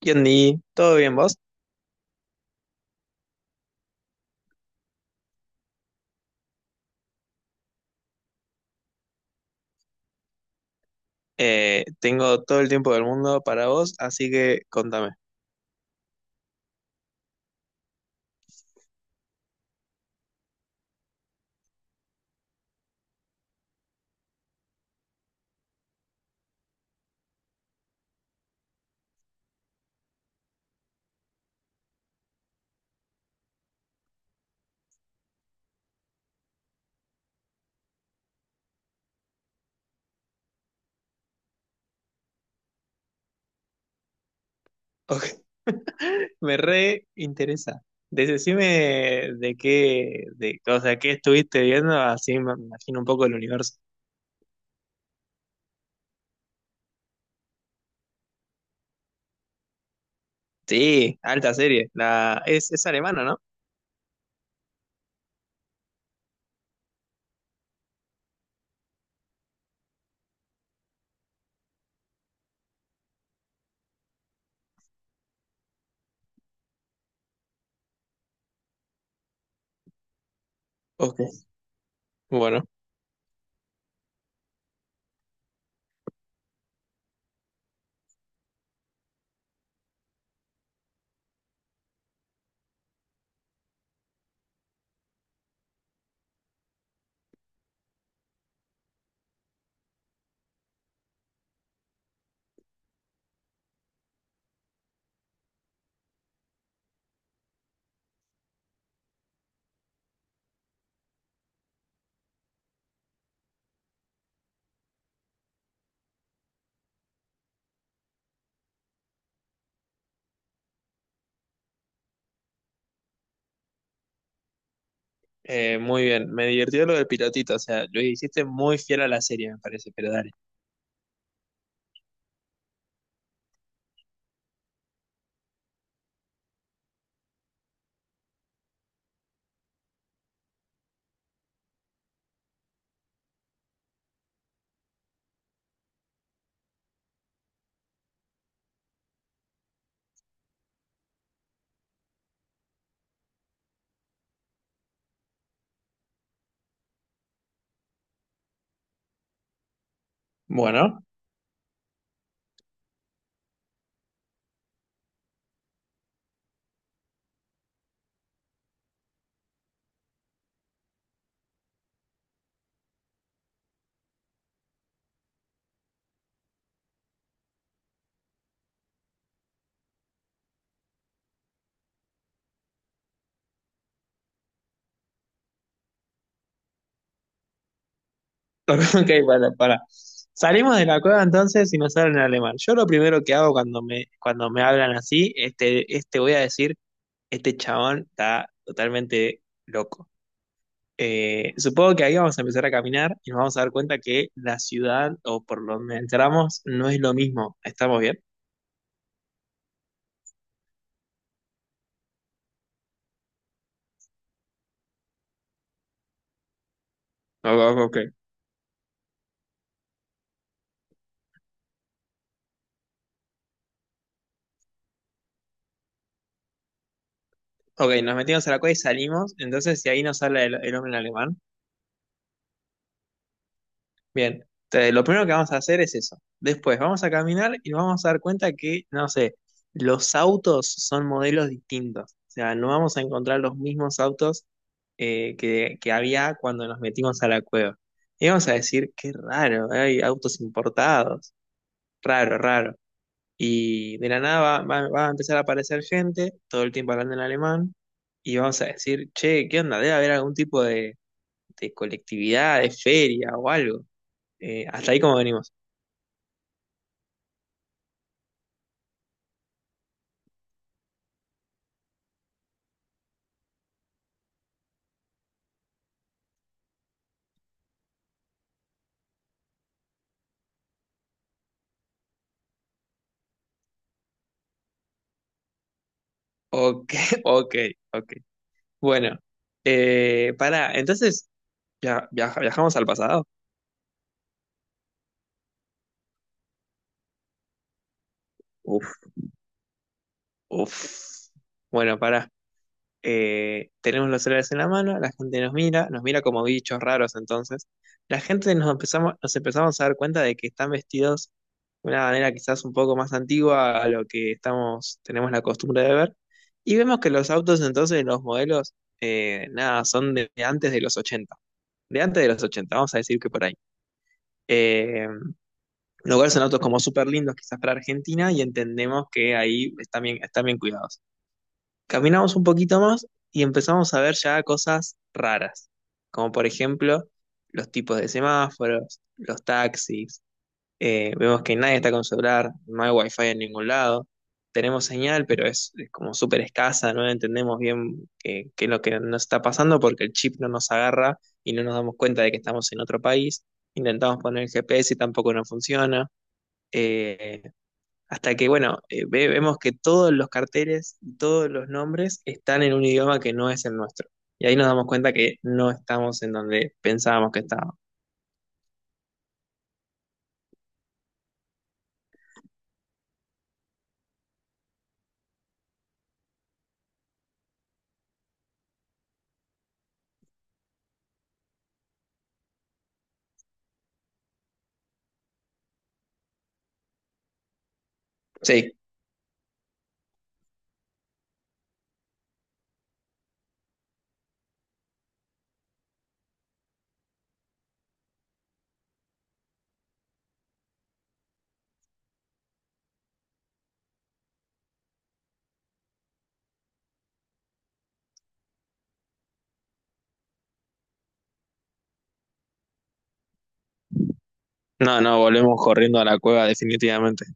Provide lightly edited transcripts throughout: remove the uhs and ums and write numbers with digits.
Yandy, ¿todo bien vos? Tengo todo el tiempo del mundo para vos, así que contame. Ok. Me re interesa. Decime de qué, o sea, qué estuviste viendo, así me imagino un poco el universo. Sí, alta serie. Es alemana, ¿no? Ok, bueno, muy bien. Me divirtió lo del pilotito, o sea, lo hiciste muy fiel a la serie, me parece, pero dale. Bueno. Ok, para, para. Salimos de la cueva entonces y nos hablan en alemán. Yo lo primero que hago cuando me hablan así, voy a decir, este chabón está totalmente loco. Supongo que ahí vamos a empezar a caminar y nos vamos a dar cuenta que la ciudad o por donde entramos no es lo mismo. ¿Estamos bien? Ok, ok, ok. Ok, nos metimos a la cueva y salimos. Entonces, si ahí nos habla el hombre en alemán, bien, lo primero que vamos a hacer es eso. Después vamos a caminar y vamos a dar cuenta que, no sé, los autos son modelos distintos. O sea, no vamos a encontrar los mismos autos que había cuando nos metimos a la cueva. Y vamos a decir, qué raro, hay autos importados. Raro, raro. Y de la nada va a empezar a aparecer gente, todo el tiempo hablando en alemán, y vamos a decir, che, ¿qué onda? Debe haber algún tipo de colectividad, de feria o algo. Hasta ahí como venimos. Ok. Ok, ok. Bueno, para, entonces, ya, viajamos al pasado. Uf, uf. Bueno, para. Tenemos los celulares en la mano, la gente nos mira como bichos raros entonces. La gente nos empezamos a dar cuenta de que están vestidos de una manera quizás un poco más antigua a lo que estamos, tenemos la costumbre de ver. Y vemos que los autos entonces, los modelos, nada, son de antes de los 80. De antes de los 80, vamos a decir que por ahí. Eh, Lugares en autos como súper lindos, quizás para Argentina, y entendemos que ahí están bien cuidados. Caminamos un poquito más y empezamos a ver ya cosas raras, como por ejemplo los tipos de semáforos, los taxis, vemos que nadie está con celular, no hay wifi en ningún lado. Tenemos señal, pero es como súper escasa, no entendemos bien qué es lo que nos está pasando porque el chip no nos agarra y no nos damos cuenta de que estamos en otro país. Intentamos poner el GPS y tampoco nos funciona. Eh, Hasta que, bueno, vemos que todos los carteles y todos los nombres están en un idioma que no es el nuestro. Y ahí nos damos cuenta que no estamos en donde pensábamos que estábamos. Sí, no, no, volvemos corriendo a la cueva definitivamente.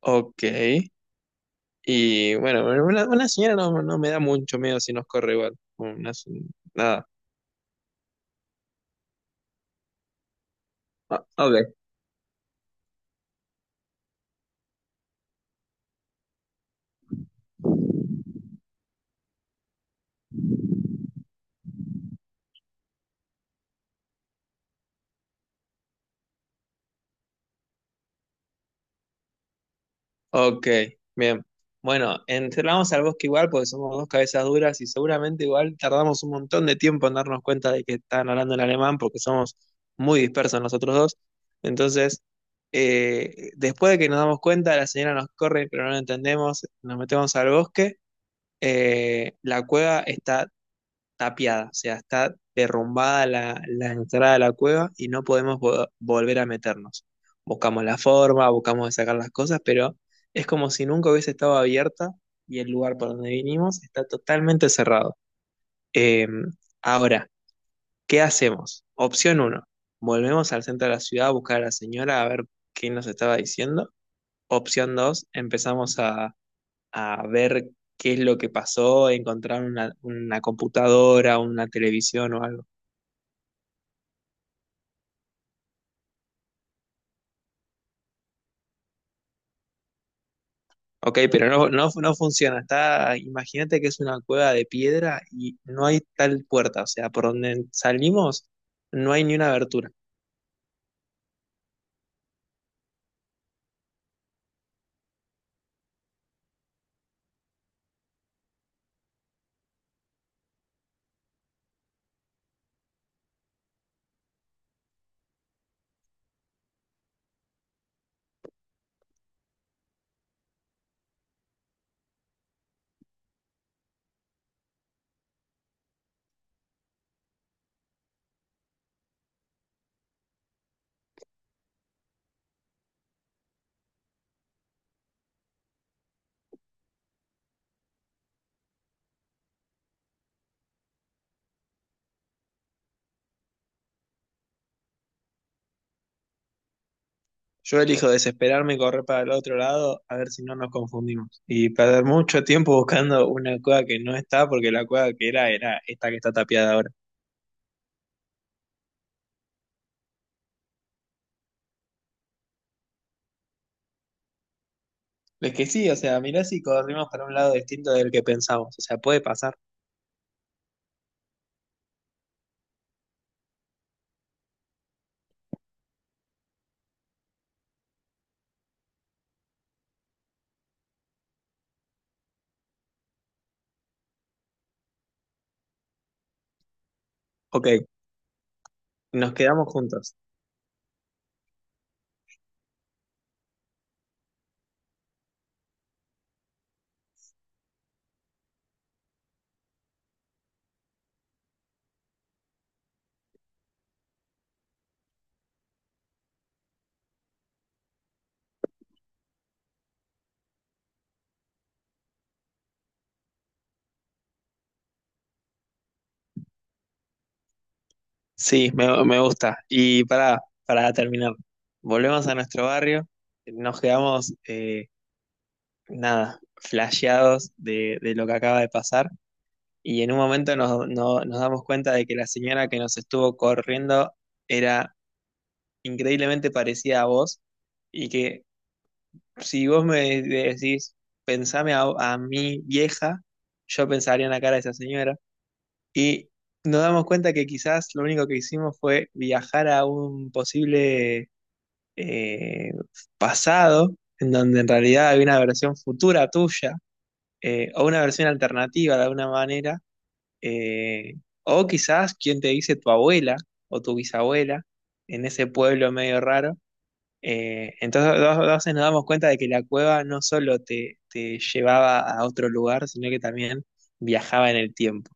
Ok. Y bueno, bueno, una señora no, no me da mucho miedo si nos corre igual. Nada. Ah, ok. Ok, bien. Bueno, entramos al bosque igual porque somos dos cabezas duras y seguramente igual tardamos un montón de tiempo en darnos cuenta de que están hablando en alemán porque somos muy dispersos nosotros dos. Entonces, después de que nos damos cuenta, la señora nos corre, pero no lo entendemos, nos metemos al bosque. La cueva está tapiada, o sea, está derrumbada la entrada de la cueva y no podemos volver a meternos. Buscamos la forma, buscamos de sacar las cosas, pero es como si nunca hubiese estado abierta y el lugar por donde vinimos está totalmente cerrado. Eh, Ahora, ¿qué hacemos? Opción uno: volvemos al centro de la ciudad a buscar a la señora a ver qué nos estaba diciendo. Opción 2: empezamos a, ver qué es lo que pasó, encontrar una computadora, una televisión o algo. Ok, pero no, no, no funciona. Está, imagínate que es una cueva de piedra y no hay tal puerta. O sea, por donde salimos no hay ni una abertura. Yo elijo desesperarme y correr para el otro lado a ver si no nos confundimos. Y perder mucho tiempo buscando una cueva que no está porque la cueva que era era esta que está tapiada ahora. Es que sí, o sea, mirá si corrimos para un lado distinto del que pensamos. O sea, puede pasar. Ok, nos quedamos juntos. Sí, me gusta. Y para terminar, volvemos a nuestro barrio, nos quedamos, nada, flasheados de lo que acaba de pasar y en un momento nos, no- nos damos cuenta de que la señora que nos estuvo corriendo era increíblemente parecida a vos y que si vos me decís, pensame a, mi vieja, yo pensaría en la cara de esa señora y nos damos cuenta que quizás lo único que hicimos fue viajar a un posible eh, pasado, en donde en realidad hay una versión futura tuya, o una versión alternativa de alguna manera, eh, o quizás quien te dice tu abuela o tu bisabuela en ese pueblo medio raro. Entonces, dos veces nos damos cuenta de que la cueva no solo te, te llevaba a otro lugar, sino que también viajaba en el tiempo.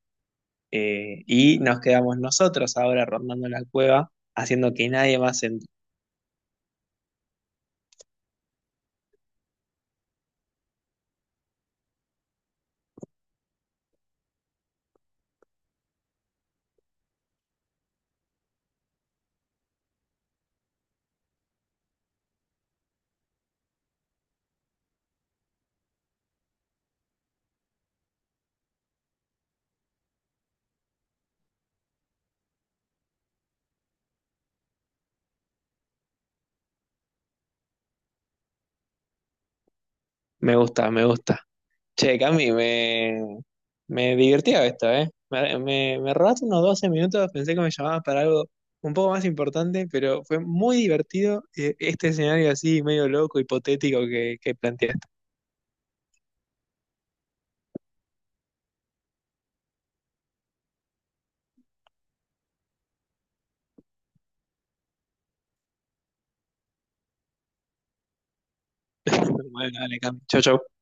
Y nos quedamos nosotros ahora rondando la cueva, haciendo que nadie más entre. Me gusta, me gusta. Che, Cami, me divertía esto, ¿eh? Me robaste unos 12 minutos, pensé que me llamabas para algo un poco más importante, pero fue muy divertido este escenario así medio loco, hipotético que planteaste. Bueno, dale, Cami. Chau, chau.